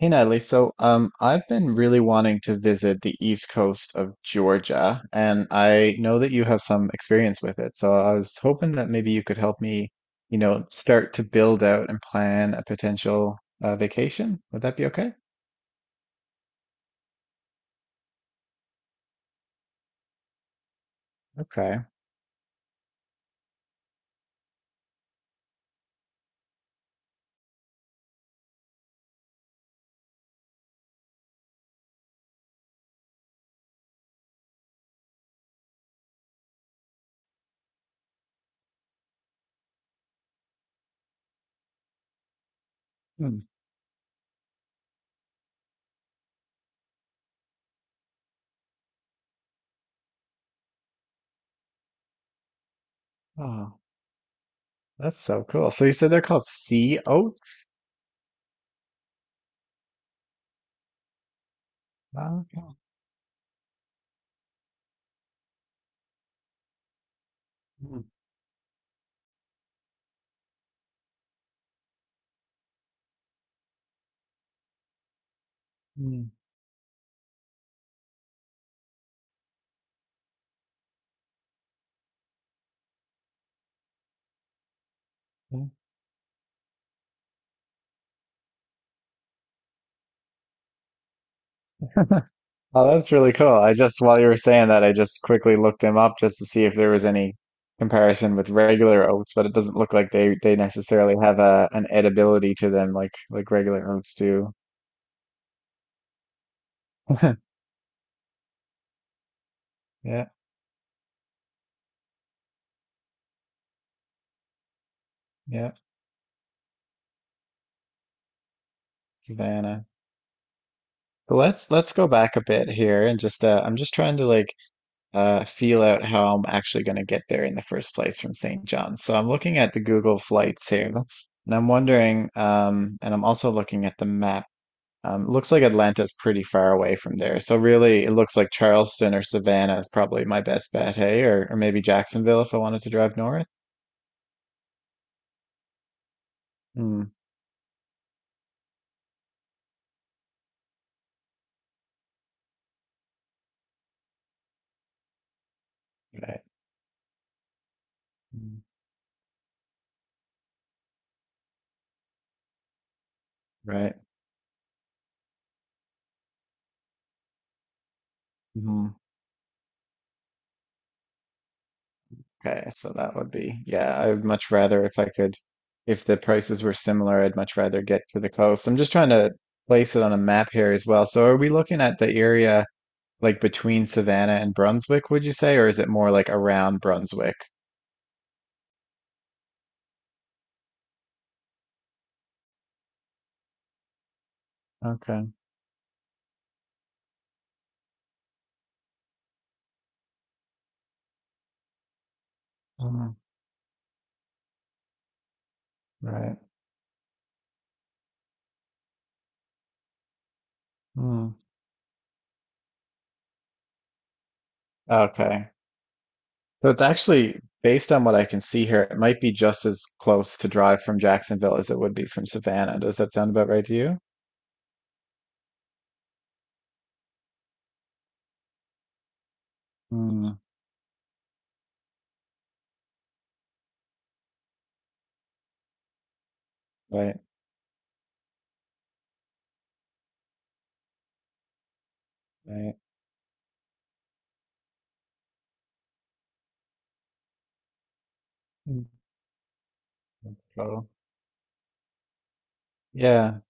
Hey Natalie, so I've been really wanting to visit the east coast of Georgia, and I know that you have some experience with it. So I was hoping that maybe you could help me, start to build out and plan a potential vacation. Would that be okay? Okay. Hmm. Oh, that's so cool. So you said they're called sea oats? Oh, okay. Hmm. Hmm. Oh, that's really cool. I just, while you were saying that, I just quickly looked them up just to see if there was any comparison with regular oats, but it doesn't look like they necessarily have a an edibility to them like regular oats do. Yeah, yeah, Savannah. But let's go back a bit here and just I'm just trying to like feel out how I'm actually going to get there in the first place from St. John's. So I'm looking at the Google flights here, and I'm wondering, and I'm also looking at the map. Looks like Atlanta's pretty far away from there. So really, it looks like Charleston or Savannah is probably my best bet, hey? Or maybe Jacksonville if I wanted to drive north. Hmm. Right. Mm. Right. Hmm. Okay. So that would be, yeah, I would much rather if I could, if the prices were similar, I'd much rather get to the coast. I'm just trying to place it on a map here as well. So are we looking at the area like between Savannah and Brunswick, would you say? Or is it more like around Brunswick? Okay. Mm. Right. Mm. Okay. So it's actually, based on what I can see here, it might be just as close to drive from Jacksonville as it would be from Savannah. Does that sound about right to you? Hmm. Right, right. Mm. That's total. Yeah.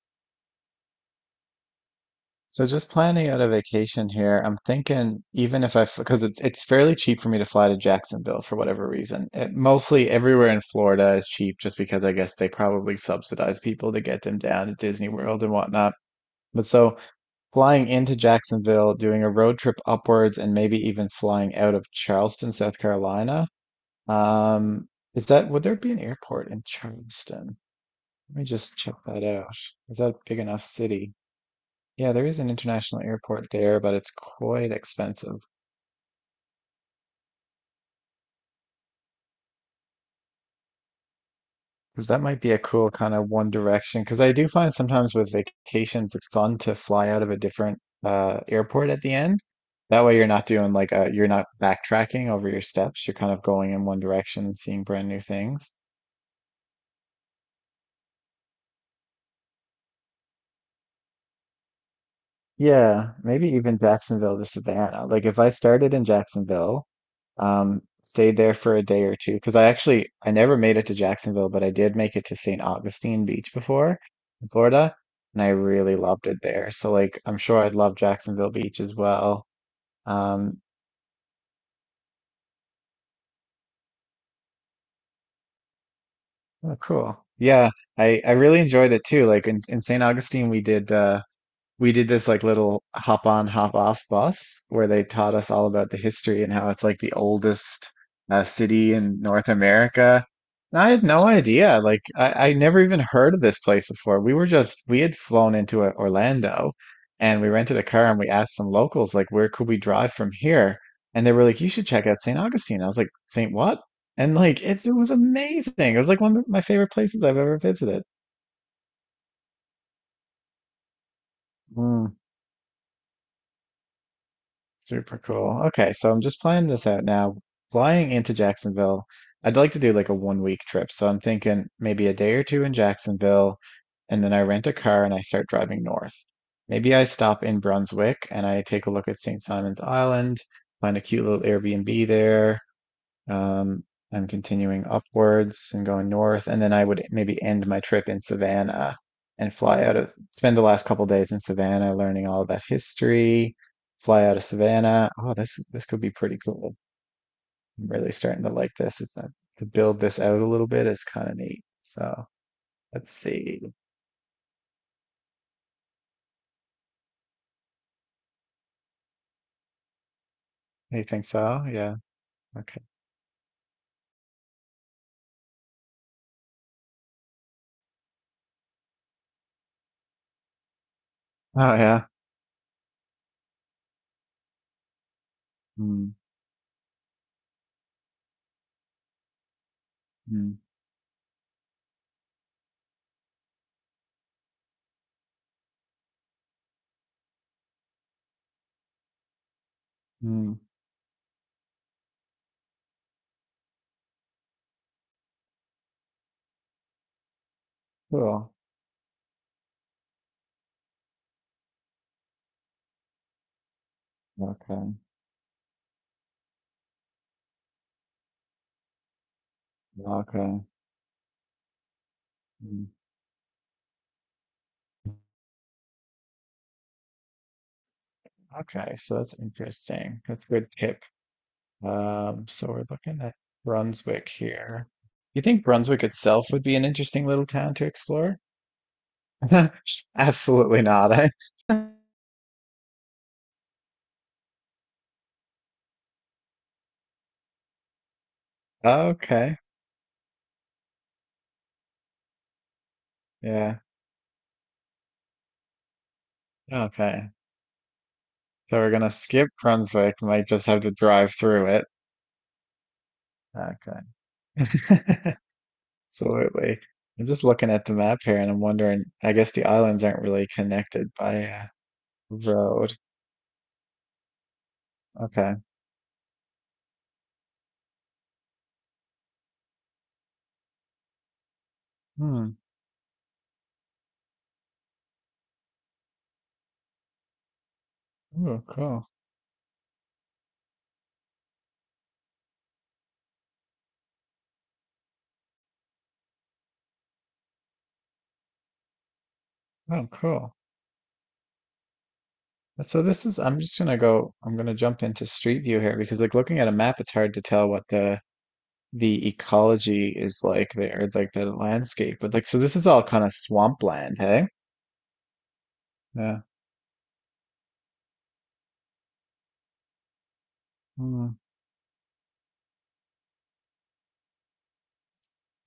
So just planning out a vacation here, I'm thinking even if I, because it's fairly cheap for me to fly to Jacksonville for whatever reason. Mostly everywhere in Florida is cheap just because I guess they probably subsidize people to get them down to Disney World and whatnot. But so flying into Jacksonville, doing a road trip upwards, and maybe even flying out of Charleston, South Carolina. Um, would there be an airport in Charleston? Let me just check that out. Is that a big enough city? Yeah, there is an international airport there, but it's quite expensive. Because that might be a cool kind of one direction. Because I do find sometimes with vacations, it's fun to fly out of a different airport at the end. That way, you're not doing you're not backtracking over your steps. You're kind of going in one direction and seeing brand new things. Yeah, maybe even Jacksonville to Savannah. Like if I started in Jacksonville, stayed there for a day or two, because I actually I never made it to Jacksonville, but I did make it to St. Augustine Beach before in Florida, and I really loved it there. So like I'm sure I'd love Jacksonville Beach as well. Um, oh, cool. Yeah, I really enjoyed it too. Like in St. Augustine we did this like little hop on hop off bus where they taught us all about the history and how it's like the oldest city in North America. And I had no idea. Like I never even heard of this place before. We were just we had flown into Orlando and we rented a car and we asked some locals like where could we drive from here? And they were like, you should check out St. Augustine. I was like, St. what? And like it was amazing. It was like one of my favorite places I've ever visited. Mm. Super cool. Okay, so I'm just planning this out now. Flying into Jacksonville, I'd like to do like a one week trip. So I'm thinking maybe a day or two in Jacksonville, and then I rent a car and I start driving north. Maybe I stop in Brunswick and I take a look at St. Simon's Island, find a cute little Airbnb there, um, am continuing upwards and going north. And then I would maybe end my trip in Savannah and spend the last couple days in Savannah learning all about history, fly out of Savannah. Oh, this could be pretty cool. I'm really starting to like this. It's not, to build this out a little bit is kind of neat. So let's see. You think so? Yeah. Okay. Oh yeah. Mm, mm, mm. Cool. Okay. Okay. Mm. Okay. So that's interesting. That's a good tip. So we're looking at Brunswick here. You think Brunswick itself would be an interesting little town to explore? Absolutely not, eh? Okay. Yeah. Okay. So we're gonna skip Brunswick. Might just have to drive through it. Okay. Absolutely. I'm just looking at the map here, and I'm wondering. I guess the islands aren't really connected by a road. Okay. Hmm. Oh, cool. Oh, cool. So this is, I'm just gonna go, I'm gonna jump into Street View here because like looking at a map, it's hard to tell what the ecology is like there, like the landscape. But like, so this is all kind of swampland, hey? Yeah. Hmm.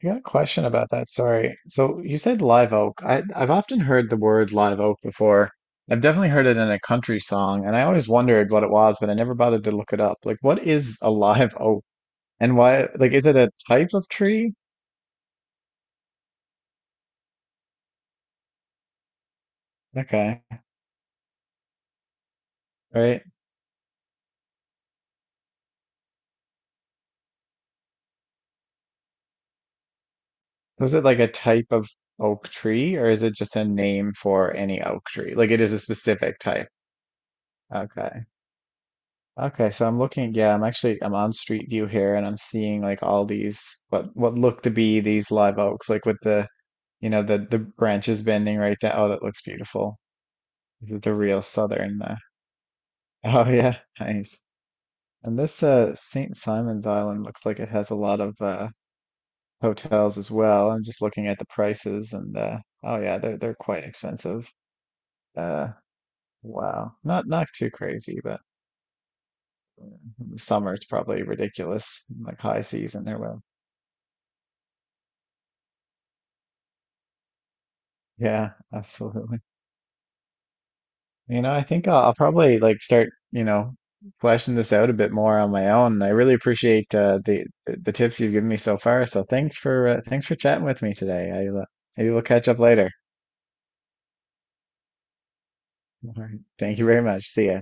I got a question about that. Sorry. So you said live oak. I've often heard the word live oak before. I've definitely heard it in a country song, and I always wondered what it was, but I never bothered to look it up. Like, what is a live oak? And why, like, is it a type of tree? Okay, right. Was it like a type of oak tree, or is it just a name for any oak tree? Like it is a specific type. Okay. Okay, so I'm looking, yeah, I'm actually I'm on Street View here and I'm seeing like all these what look to be these live oaks, like with the you know the branches bending right down. Oh, that looks beautiful. This is the real southern oh yeah, nice. And this St. Simon's Island looks like it has a lot of hotels as well. I'm just looking at the prices and oh yeah, they're quite expensive. Uh Wow. Not too crazy, but in the summer it's probably ridiculous. Like high season there will. Yeah, absolutely. I think I'll probably like start fleshing this out a bit more on my own. I really appreciate the tips you've given me so far. So thanks for chatting with me today. I Maybe we'll catch up later. All right. Thank you very much. See ya.